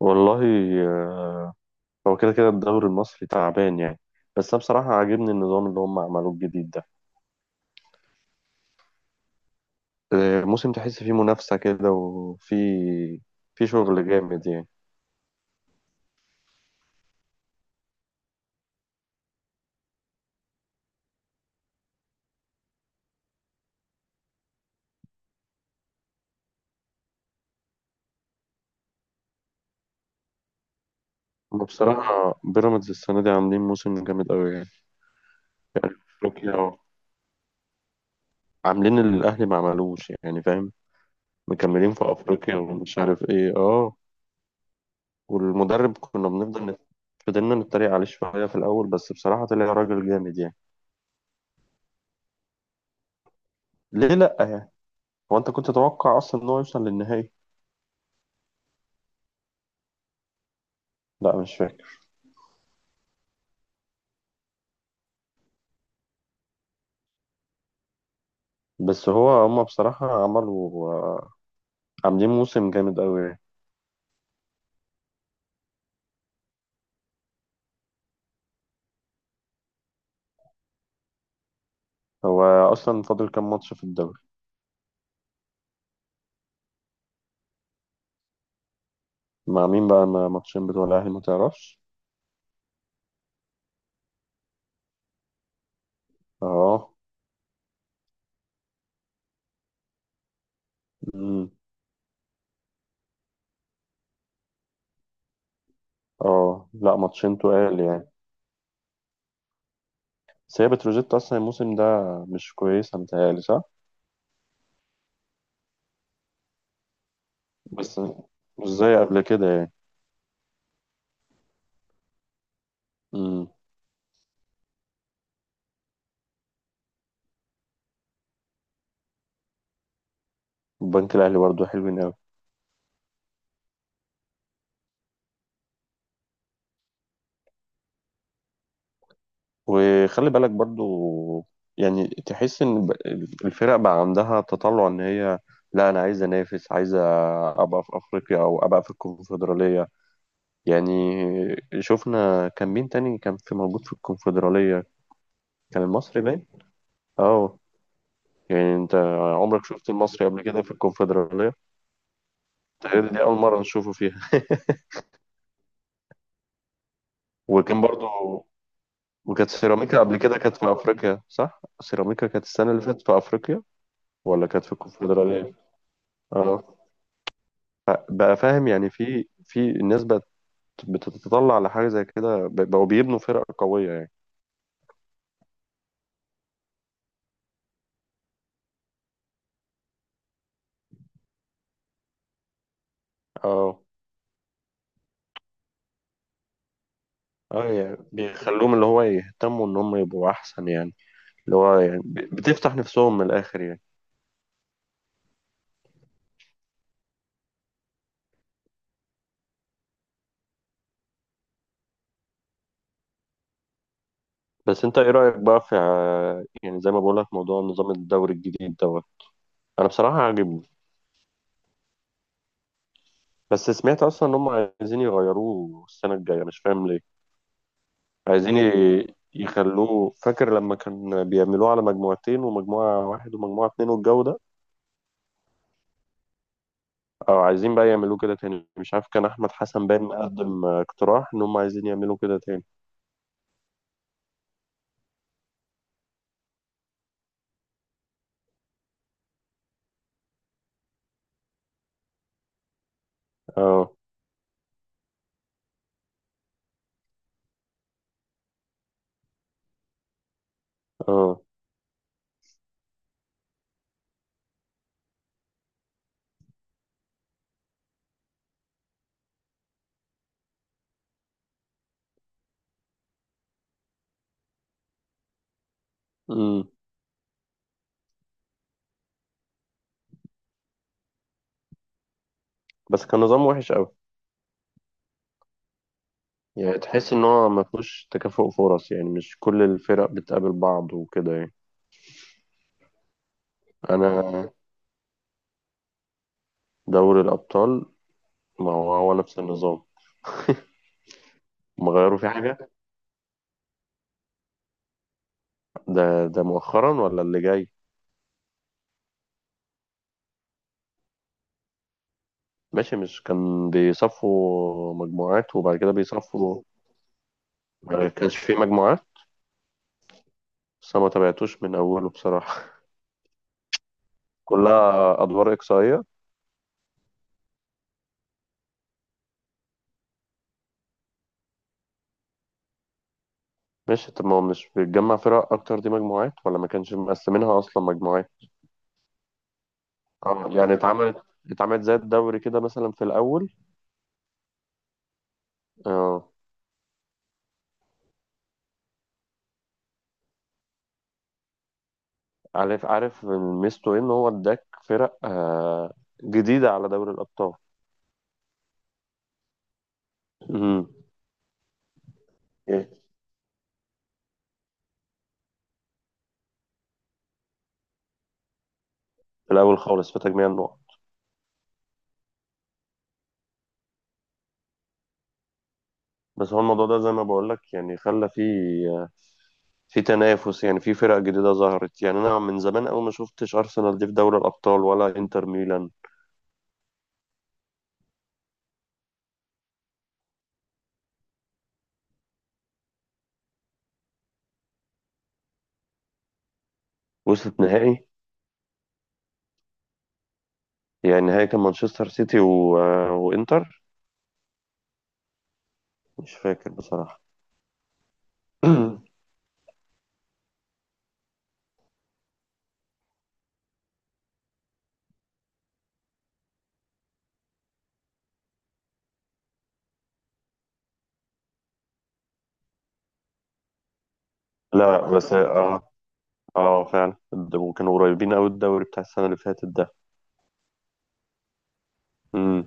والله، آه، هو كده كده الدوري المصري تعبان يعني. بس انا بصراحة عاجبني النظام اللي هم عملوه الجديد ده. موسم تحس فيه منافسة كده وفي شغل جامد يعني. وبصراحة بيراميدز السنة دي عاملين موسم جامد قوي يعني. يعني في أفريقيا عاملين اللي الأهلي ما عملوش، يعني فاهم؟ مكملين في أفريقيا ومش عارف إيه. أه. والمدرب كنا بنفضل فضلنا نتريق عليه شوية في الأول، بس بصراحة طلع راجل جامد يعني. ليه لأ يعني؟ هو أنت كنت تتوقع أصلا إن هو يوصل للنهائي؟ لا، مش فاكر. بس هو هما بصراحة عملوا، عاملين موسم جامد أوي يعني. هو أصلا فاضل كام ماتش في الدوري؟ مع مين بقى ماتشين بتوع الأهلي، ما تعرفش؟ اه. أمم. اه لا، ماتشين تقال يعني. بس هي بتروجيت أصلا الموسم ده مش كويس، متهيألي صح؟ بس مش زي قبل كده يعني. أمم. البنك الأهلي برضه حلوين أوي. وخلي بالك برضو، يعني تحس ان الفرق بقى عندها تطلع ان هي لا، انا عايز انافس، عايز ابقى في افريقيا او ابقى في الكونفدراليه يعني. شفنا كان مين تاني كان في موجود في الكونفدراليه؟ كان المصري باين. اه. يعني انت عمرك شفت المصري قبل كده في الكونفدراليه؟ تقريبا دي اول مره نشوفه فيها. وكان برضو. وكانت سيراميكا قبل كده كانت في افريقيا، صح؟ سيراميكا كانت السنه اللي فاتت في افريقيا، ولا كانت في الكونفدراليه؟ اه. بقى فاهم؟ يعني في الناس بقت بتتطلع لحاجة زي كده، بقوا بيبنوا فرق قوية يعني. اه اه، يعني بيخلوهم اللي هو يهتموا ان هم يبقوا احسن يعني. اللي هو يعني بتفتح نفسهم من الاخر يعني. بس انت ايه رأيك بقى في يعني زي ما بقول لك موضوع نظام الدوري الجديد دوت؟ انا بصراحة عاجبني. بس سمعت اصلا ان هم عايزين يغيروه السنة الجاية، مش فاهم ليه. عايزين يخلوه، فاكر لما كان بيعملوه على مجموعتين ومجموعة واحد ومجموعة اتنين والجو ده؟ أو عايزين بقى يعملوه كده تاني. مش عارف، كان أحمد حسن باين قدم اقتراح إن هم عايزين يعملوا كده تاني. أه أه. أمم. بس كان نظام وحش أوي. يعني تحس إن هو ما فيهوش تكافؤ فرص، يعني مش كل الفرق بتقابل بعض وكده يعني. أنا دوري الأبطال ما هو هو نفس النظام. هم غيروا فيه حاجة؟ ده مؤخرا ولا اللي جاي؟ ماشي، مش كان بيصفوا مجموعات وبعد كده بيصفوا؟ ما كانش فيه مجموعات. بس أنا ما تابعتوش من أوله بصراحة. كلها أدوار إقصائية. ماشي، طب ما هو مش بتجمع فرق اكتر دي مجموعات، ولا ما كانش مقسمينها اصلا مجموعات؟ اه، يعني اتعملت زي الدوري كده مثلا في الاول. اه، عارف عارف. ميزته إيه؟ ان هو اداك فرق جديده على دوري الابطال. امم. إيه؟ في الاول خالص في تجميع النقط. بس هو الموضوع ده زي ما بقول لك، يعني خلى في تنافس، يعني في فرق جديده ظهرت، يعني انا من زمان قوي ما شفتش ارسنال دي في دوري الابطال ولا انتر ميلان. وصلت نهائي. يعني نهائي كان مانشستر سيتي و... آه، وانتر. مش فاكر بصراحة. لا بس اه. اه فعلا، ده كانوا قريبين قوي الدوري بتاع السنة اللي فاتت ده. امم.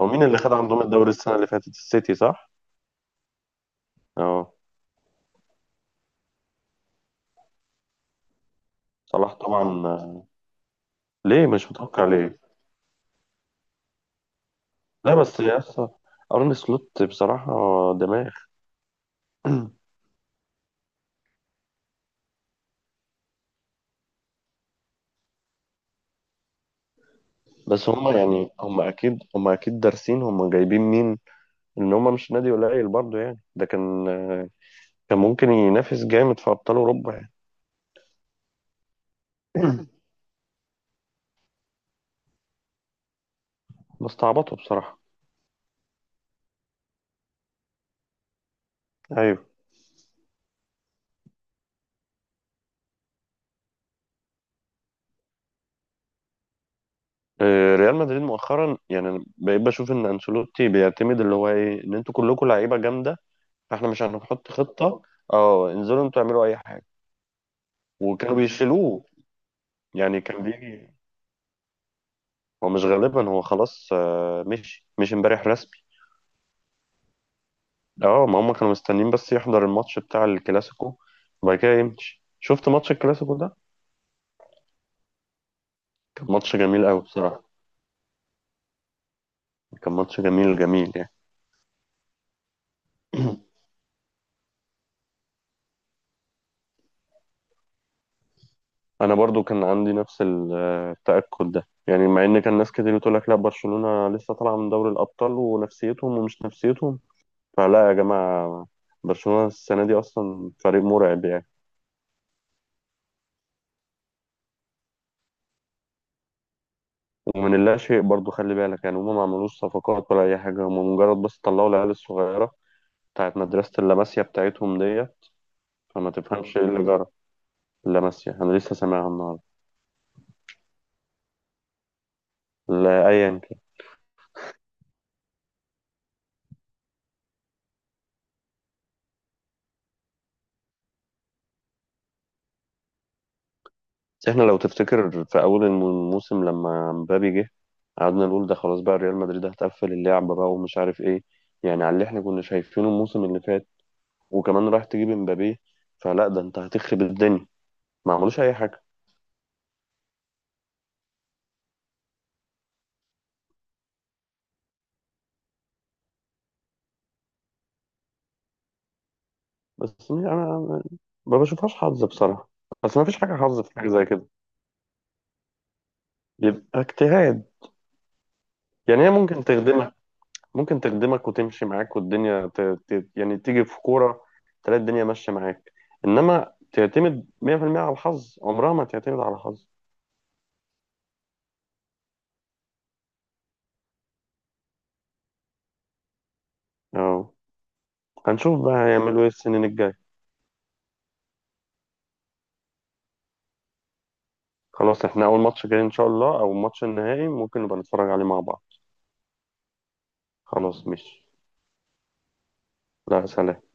هو مين اللي خد عندهم الدوري السنة اللي فاتت، السيتي صح؟ اه. صلاح طبعا. ليه مش متوقع ليه؟ لا بس يا اسطى، ارن سلوت بصراحة دماغ. بس هم يعني هم اكيد دارسين هم جايبين مين، ان هم مش نادي قليل برضه يعني. ده كان ممكن ينافس جامد في ابطال اوروبا يعني. بس تعبطوا بصراحة. ايوه. ريال مدريد مؤخرا يعني أنا بقيت بشوف ان انشيلوتي بيعتمد اللي هو ايه ان انتوا كلكم لعيبه جامده، فاحنا مش هنحط خطه، اه انزلوا انتوا اعملوا اي حاجه. وكانوا بيشيلوه. يعني كان بيجي، هو مش غالبا، هو خلاص مشي، مش امبارح رسمي. اه، ما هم كانوا مستنيين بس يحضر الماتش بتاع الكلاسيكو وبعد كده يمشي. شفت ماتش الكلاسيكو ده؟ كان ماتش جميل قوي بصراحه. كان ماتش جميل جميل يعني. انا برضو كان عندي نفس التأكد ده يعني، مع ان كان ناس كتير بتقول لك لا برشلونة لسه طالعة من دوري الأبطال ونفسيتهم ومش نفسيتهم. فلا يا جماعة، برشلونة السنة دي أصلا فريق مرعب يعني. ومن اللا شيء برضو، خلي بالك يعني، هما ما عملوش صفقات ولا أي حاجة، هما مجرد بس طلعوا العيال الصغيرة بتاعت مدرسة اللاماسيا بتاعتهم دي. فما تفهمش إيه اللي جرى. اللاماسيا أنا لسه سامعها النهاردة. لا أيا. احنا لو تفتكر في اول الموسم لما مبابي جه، قعدنا نقول ده خلاص بقى ريال مدريد هتقفل اللعبة بقى ومش عارف ايه، يعني على اللي احنا كنا شايفينه الموسم اللي فات، وكمان رايح تجيب مبابي، فلا، ده انت هتخرب الدنيا. ما عملوش اي حاجة. بس أنا ما بشوفهاش حظ بصراحة. بس ما فيش حاجة حظ في حاجة زي كده، يبقى اجتهاد. يعني هي ممكن تخدمها، ممكن تخدمك وتمشي معاك، والدنيا يعني تيجي في كورة، تلاقي الدنيا ماشية معاك. إنما تعتمد 100% على الحظ، عمرها ما تعتمد على الحظ. أه، هنشوف بقى هيعملوا إيه السنين الجاية. خلاص، إحنا أول ماتش جاي إن شاء الله أو الماتش النهائي ممكن نبقى نتفرج عليه مع بعض. خلاص مش. لا، سلام.